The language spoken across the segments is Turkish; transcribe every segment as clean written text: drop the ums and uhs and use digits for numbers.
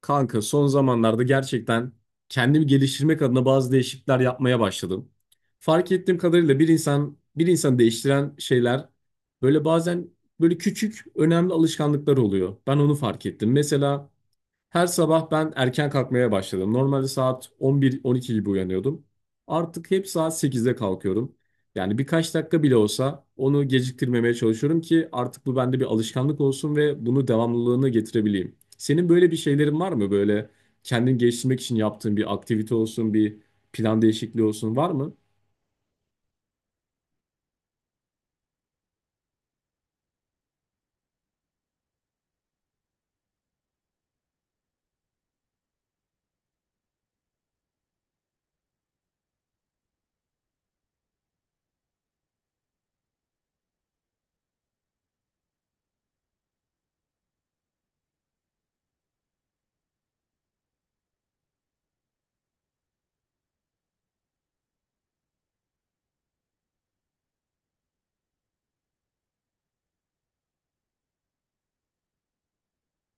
Kanka son zamanlarda gerçekten kendimi geliştirmek adına bazı değişiklikler yapmaya başladım. Fark ettiğim kadarıyla bir insan değiştiren şeyler böyle bazen böyle küçük önemli alışkanlıklar oluyor. Ben onu fark ettim. Mesela her sabah ben erken kalkmaya başladım. Normalde saat 11-12 gibi uyanıyordum. Artık hep saat 8'de kalkıyorum. Yani birkaç dakika bile olsa onu geciktirmemeye çalışıyorum ki artık bu bende bir alışkanlık olsun ve bunu devamlılığını getirebileyim. Senin böyle bir şeylerin var mı? Böyle kendini geliştirmek için yaptığın bir aktivite olsun, bir plan değişikliği olsun var mı?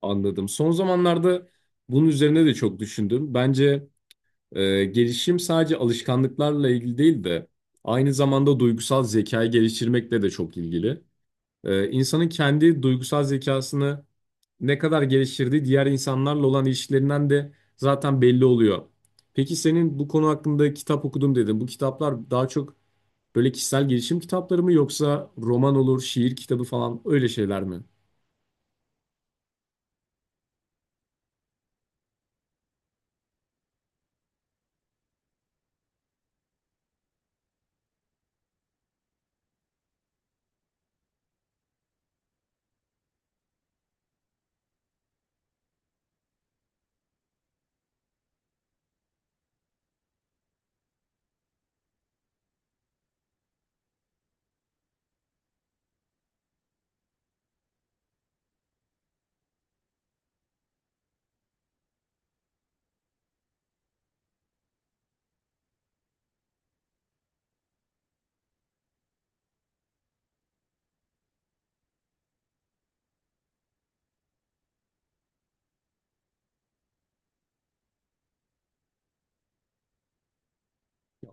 Anladım. Son zamanlarda bunun üzerine de çok düşündüm. Bence gelişim sadece alışkanlıklarla ilgili değil de aynı zamanda duygusal zekayı geliştirmekle de çok ilgili. İnsanın kendi duygusal zekasını ne kadar geliştirdiği diğer insanlarla olan ilişkilerinden de zaten belli oluyor. Peki senin bu konu hakkında kitap okudum dedin. Bu kitaplar daha çok böyle kişisel gelişim kitapları mı yoksa roman olur, şiir kitabı falan öyle şeyler mi?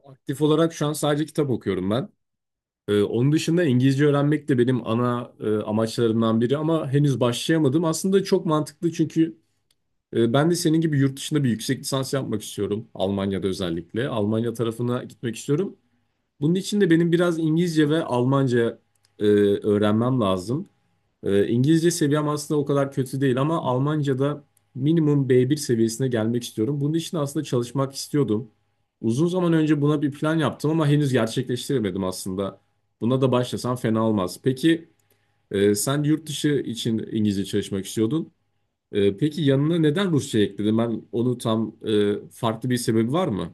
Aktif olarak şu an sadece kitap okuyorum ben. Onun dışında İngilizce öğrenmek de benim ana amaçlarımdan biri ama henüz başlayamadım. Aslında çok mantıklı, çünkü ben de senin gibi yurt dışında bir yüksek lisans yapmak istiyorum. Almanya'da özellikle. Almanya tarafına gitmek istiyorum. Bunun için de benim biraz İngilizce ve Almanca öğrenmem lazım. İngilizce seviyem aslında o kadar kötü değil ama Almanca'da minimum B1 seviyesine gelmek istiyorum. Bunun için aslında çalışmak istiyordum. Uzun zaman önce buna bir plan yaptım ama henüz gerçekleştiremedim aslında. Buna da başlasam fena olmaz. Peki sen yurt dışı için İngilizce çalışmak istiyordun. Peki yanına neden Rusça ekledin? Ben onu tam farklı bir sebebi var mı?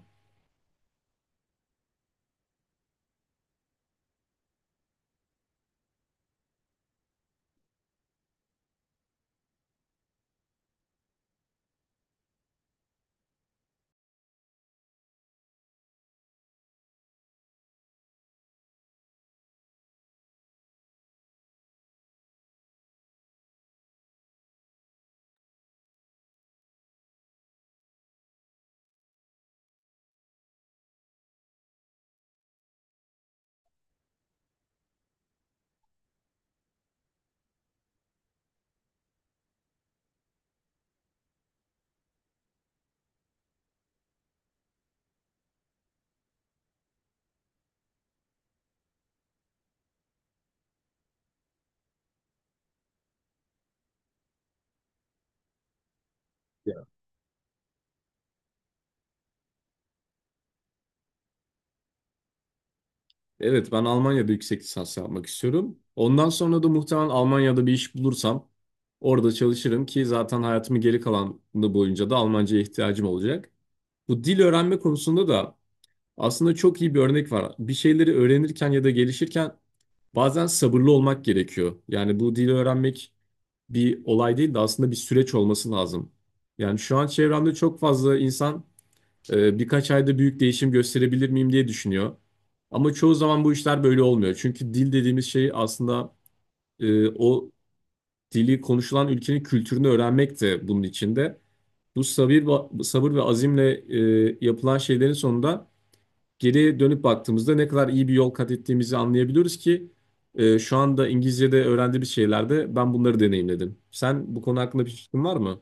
Evet, ben Almanya'da yüksek lisans yapmak istiyorum. Ondan sonra da muhtemelen Almanya'da bir iş bulursam orada çalışırım ki zaten hayatımın geri kalanı boyunca da Almanca'ya ihtiyacım olacak. Bu dil öğrenme konusunda da aslında çok iyi bir örnek var. Bir şeyleri öğrenirken ya da gelişirken bazen sabırlı olmak gerekiyor. Yani bu dili öğrenmek bir olay değil de aslında bir süreç olması lazım. Yani şu an çevremde çok fazla insan birkaç ayda büyük değişim gösterebilir miyim diye düşünüyor. Ama çoğu zaman bu işler böyle olmuyor. Çünkü dil dediğimiz şey aslında o dili konuşulan ülkenin kültürünü öğrenmek de bunun içinde. Bu sabır, sabır ve azimle yapılan şeylerin sonunda geri dönüp baktığımızda ne kadar iyi bir yol kat ettiğimizi anlayabiliyoruz ki şu anda İngilizce'de öğrendiğimiz şeylerde ben bunları deneyimledim. Sen bu konu hakkında bir fikrin var mı?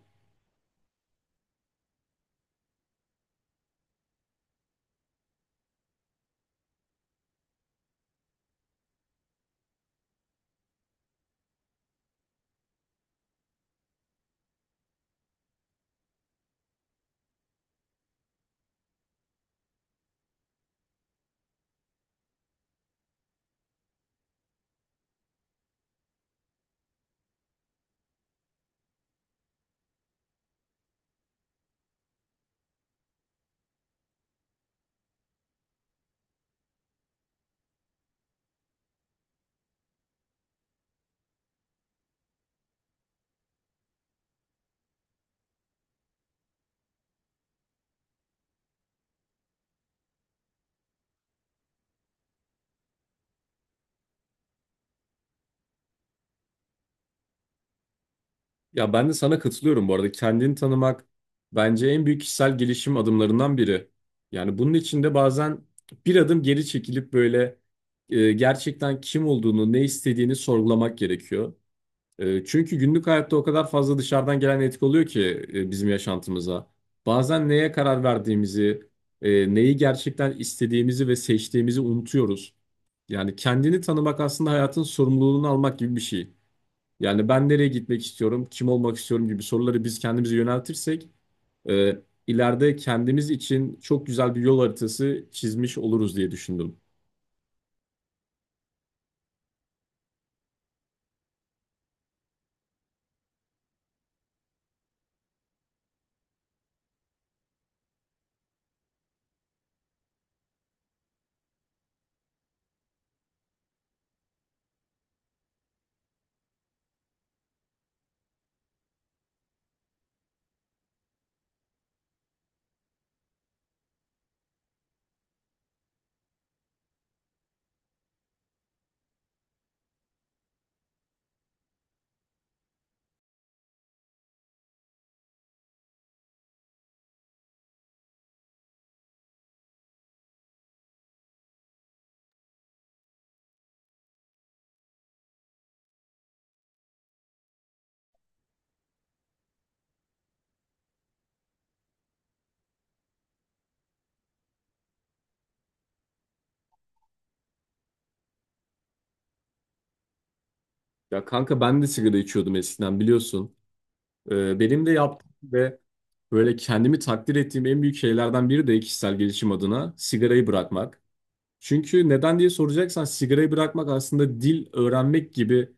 Ya ben de sana katılıyorum bu arada. Kendini tanımak bence en büyük kişisel gelişim adımlarından biri. Yani bunun için de bazen bir adım geri çekilip böyle gerçekten kim olduğunu, ne istediğini sorgulamak gerekiyor. Çünkü günlük hayatta o kadar fazla dışarıdan gelen etki oluyor ki bizim yaşantımıza. Bazen neye karar verdiğimizi, neyi gerçekten istediğimizi ve seçtiğimizi unutuyoruz. Yani kendini tanımak aslında hayatın sorumluluğunu almak gibi bir şey. Yani ben nereye gitmek istiyorum, kim olmak istiyorum gibi soruları biz kendimize yöneltirsek ileride kendimiz için çok güzel bir yol haritası çizmiş oluruz diye düşündüm. Ya kanka, ben de sigara içiyordum eskiden, biliyorsun. Benim de yaptığım ve böyle kendimi takdir ettiğim en büyük şeylerden biri de kişisel gelişim adına sigarayı bırakmak. Çünkü neden diye soracaksan, sigarayı bırakmak aslında dil öğrenmek gibi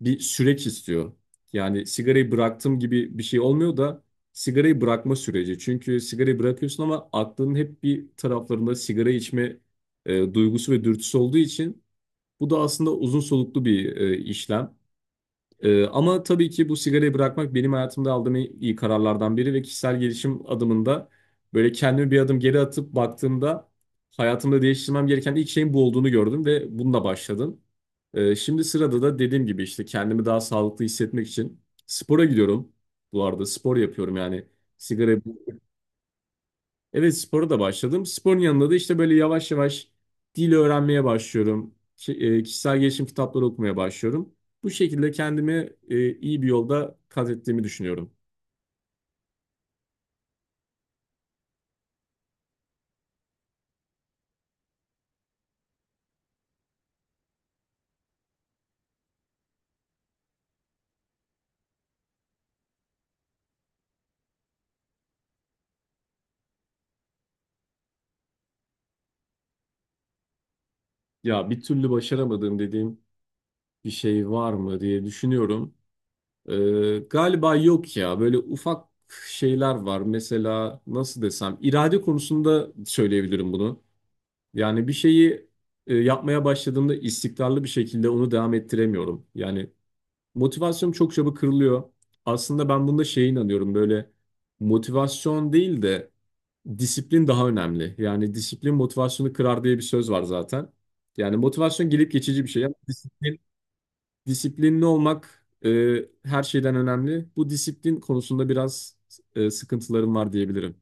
bir süreç istiyor. Yani sigarayı bıraktım gibi bir şey olmuyor da sigarayı bırakma süreci. Çünkü sigarayı bırakıyorsun ama aklının hep bir taraflarında sigara içme duygusu ve dürtüsü olduğu için bu da aslında uzun soluklu bir işlem. Ama tabii ki bu sigarayı bırakmak benim hayatımda aldığım en iyi kararlardan biri ve kişisel gelişim adımında böyle kendimi bir adım geri atıp baktığımda hayatımda değiştirmem gereken ilk şeyin bu olduğunu gördüm ve bununla başladım. Şimdi sırada da, dediğim gibi, işte kendimi daha sağlıklı hissetmek için spora gidiyorum. Bu arada spor yapıyorum, yani sigarayı. Evet, spora da başladım. Sporun yanında da işte böyle yavaş yavaş dil öğrenmeye başlıyorum. Kişisel gelişim kitapları okumaya başlıyorum. Bu şekilde kendimi iyi bir yolda kat ettiğimi düşünüyorum. Ya bir türlü başaramadığım dediğim bir şey var mı diye düşünüyorum. Galiba yok ya. Böyle ufak şeyler var. Mesela nasıl desem, irade konusunda söyleyebilirim bunu. Yani bir şeyi yapmaya başladığımda istikrarlı bir şekilde onu devam ettiremiyorum. Yani motivasyonum çok çabuk kırılıyor. Aslında ben bunda şeye inanıyorum, böyle motivasyon değil de disiplin daha önemli. Yani disiplin motivasyonu kırar diye bir söz var zaten. Yani motivasyon gelip geçici bir şey ama disiplin, disiplinli olmak her şeyden önemli. Bu disiplin konusunda biraz sıkıntılarım var diyebilirim.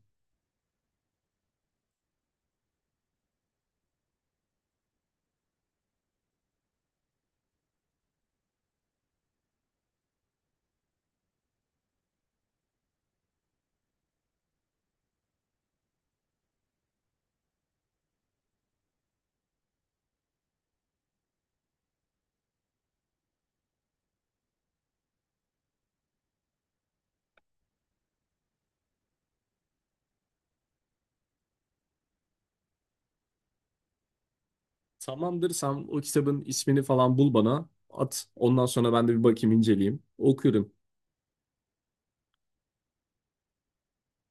Tamamdır, sen o kitabın ismini falan bul, bana at. Ondan sonra ben de bir bakayım, inceleyeyim. Okuyorum.